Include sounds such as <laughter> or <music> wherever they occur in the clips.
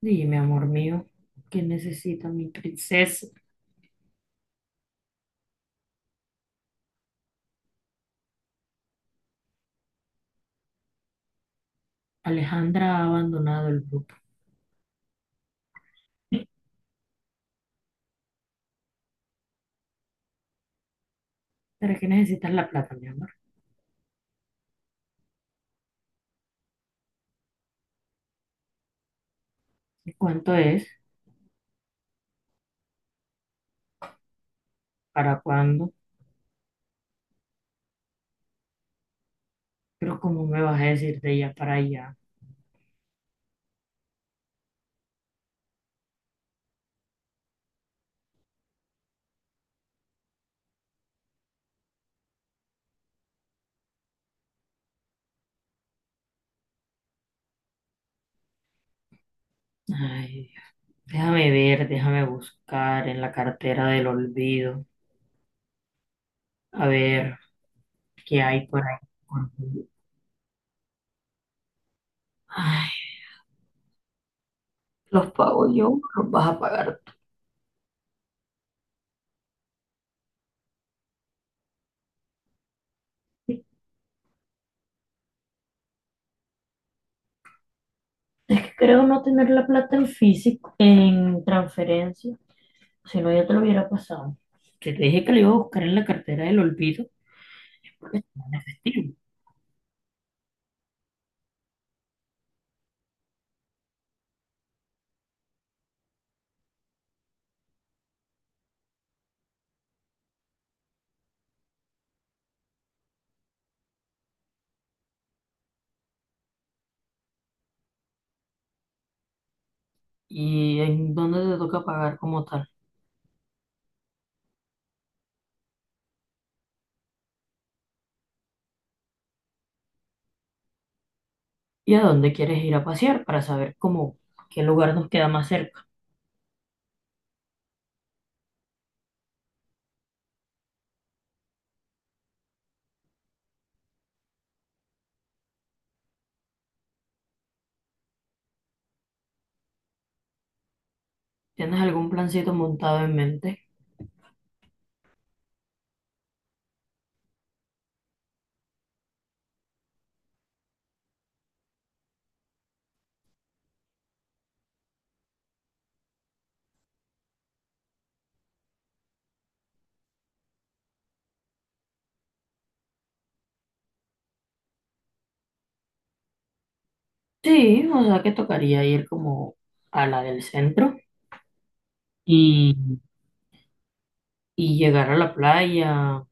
Dime, amor mío, ¿qué necesita mi princesa? Alejandra ha abandonado el grupo. ¿Para qué necesitas la plata, mi amor? ¿Y cuánto es? ¿Para cuándo? Pero ¿cómo me vas a decir de allá para allá? Ay, déjame ver, déjame buscar en la cartera del olvido. A ver, ¿qué hay por ahí? Ay, los pago yo, los vas a pagar tú. Es que creo no tener la plata en físico, en transferencia. Si no, ya te lo hubiera pasado. Que te dije que lo iba a buscar en la cartera del olvido, porque es Steam. ¿Y en dónde te toca pagar como tal? ¿Y a dónde quieres ir a pasear para saber cómo, qué lugar nos queda más cerca? ¿Tienes algún plancito montado en mente? Sí, o sea que tocaría ir como a la del centro y, y llegar a la playa.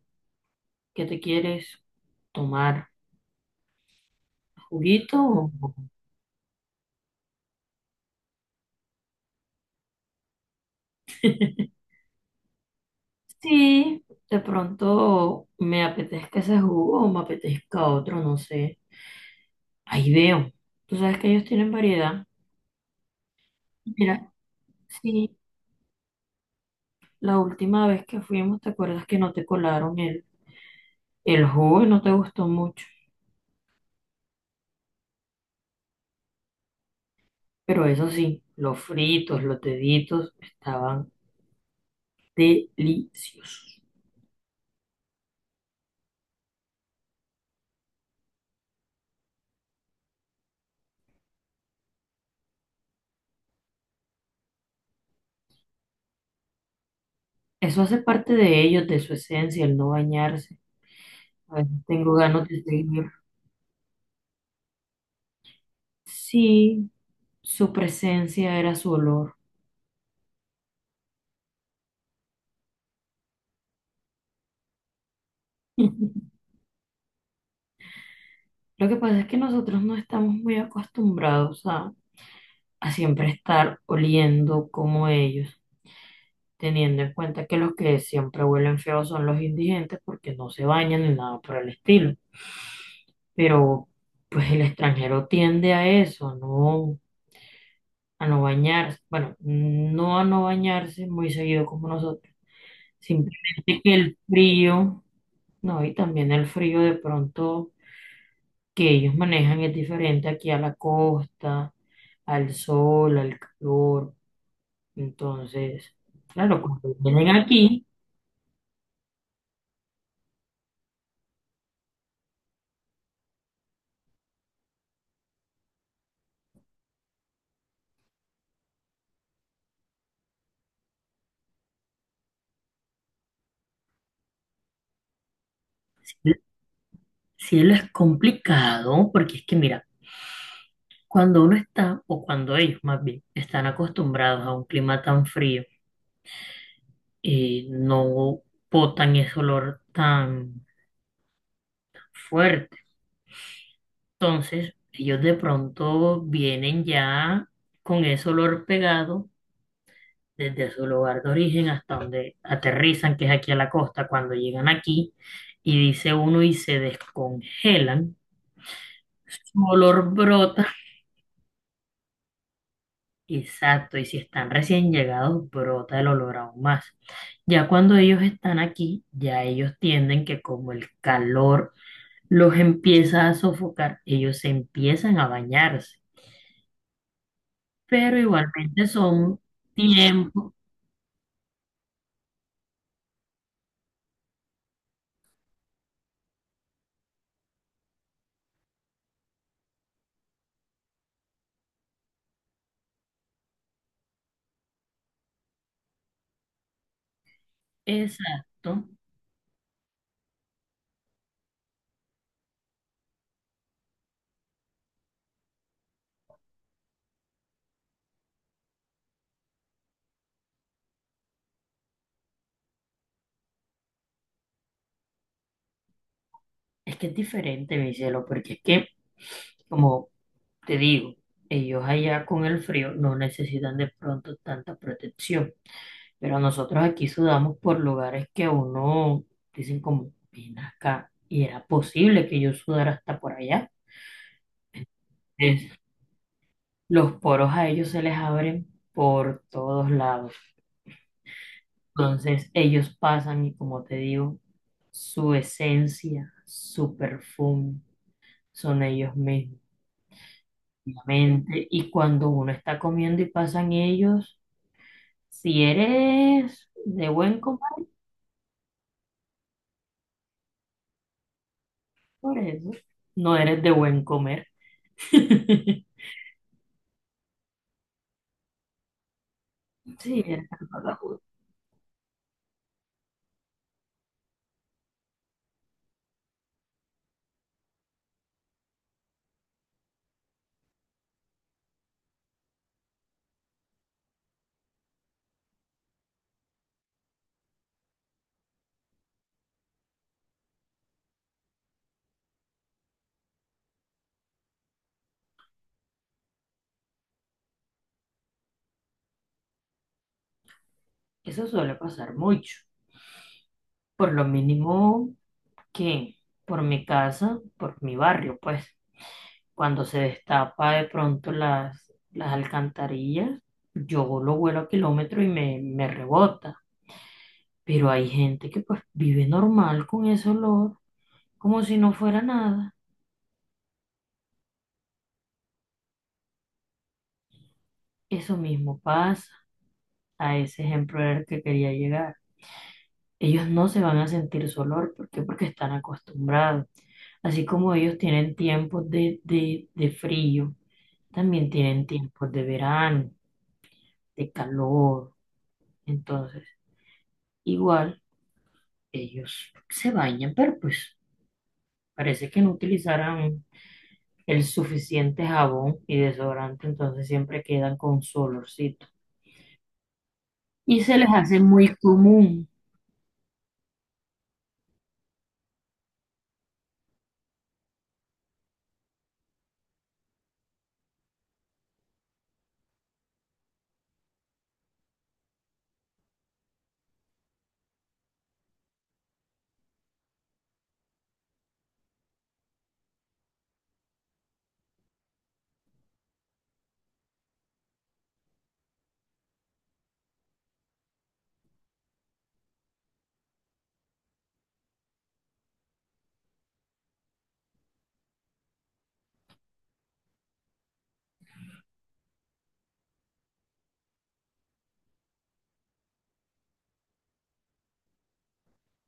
¿Qué te quieres tomar? ¿Juguito? o- Sí, de pronto me apetezca ese jugo o me apetezca otro, no sé. Ahí veo. Tú sabes que ellos tienen variedad. Mira, sí, la última vez que fuimos, ¿te acuerdas que no te colaron el jugo y no te gustó mucho? Pero eso sí, los fritos, los deditos estaban deliciosos. Eso hace parte de ellos, de su esencia, el no bañarse. A veces tengo ganas de seguir. Sí, su presencia era su olor. <laughs> Lo que pasa es que nosotros no estamos muy acostumbrados a siempre estar oliendo como ellos, teniendo en cuenta que los que siempre huelen feos son los indigentes porque no se bañan ni nada por el estilo. Pero pues el extranjero tiende a eso, no a no bañarse, bueno, no a no bañarse muy seguido como nosotros, simplemente que el frío, no, y también el frío de pronto que ellos manejan es diferente aquí a la costa, al sol, al calor. Entonces, claro, cuando vienen aquí, cielo, es complicado porque es que mira, cuando uno está, o cuando ellos más bien, están acostumbrados a un clima tan frío, no botan ese olor tan fuerte. Entonces, ellos de pronto vienen ya con ese olor pegado desde su lugar de origen hasta donde aterrizan, que es aquí a la costa, cuando llegan aquí, y dice uno y se descongelan, su olor brota. Exacto, y si están recién llegados, brota el olor aún más. Ya cuando ellos están aquí, ya ellos tienden que como el calor los empieza a sofocar, ellos se empiezan a bañarse, pero igualmente son tiempo exacto. Es que es diferente, mi cielo, porque es que, como te digo, ellos allá con el frío no necesitan de pronto tanta protección. Pero nosotros aquí sudamos por lugares que a uno dicen como, ven acá, y era posible que yo sudara hasta por allá. Es los poros a ellos se les abren por todos lados. Entonces ellos pasan y como te digo, su esencia, su perfume, son ellos mismos, la. Y cuando uno está comiendo y pasan ellos, si eres de buen comer, por eso, no eres de buen comer. <laughs> Sí, el relámpago. Eso suele pasar mucho. Por lo mínimo que por mi casa, por mi barrio, pues cuando se destapa de pronto las alcantarillas, yo lo vuelo a kilómetro y me rebota. Pero hay gente que pues vive normal con ese olor, como si no fuera nada. Eso mismo pasa. A ese ejemplo era el que quería llegar. Ellos no se van a sentir su olor. ¿Por qué? Porque están acostumbrados. Así como ellos tienen tiempos de frío, también tienen tiempos de verano, de calor. Entonces, igual, ellos se bañan, pero pues parece que no utilizaran el suficiente jabón y desodorante, entonces siempre quedan con su olorcito. Y se les hace muy común,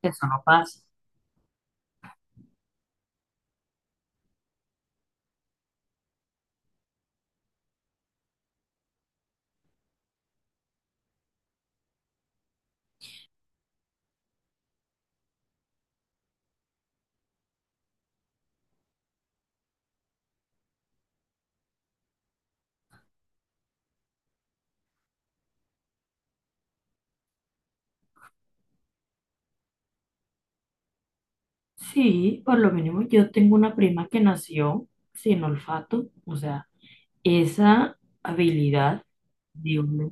eso no pasa. Sí, por lo mínimo yo tengo una prima que nació sin olfato, o sea, esa habilidad, Dios mío,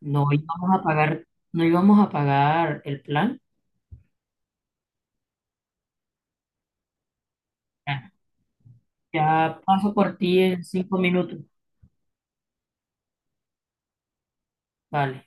no íbamos a pagar, no íbamos a pagar el plan. Ya, ya paso por ti en 5 minutos, vale.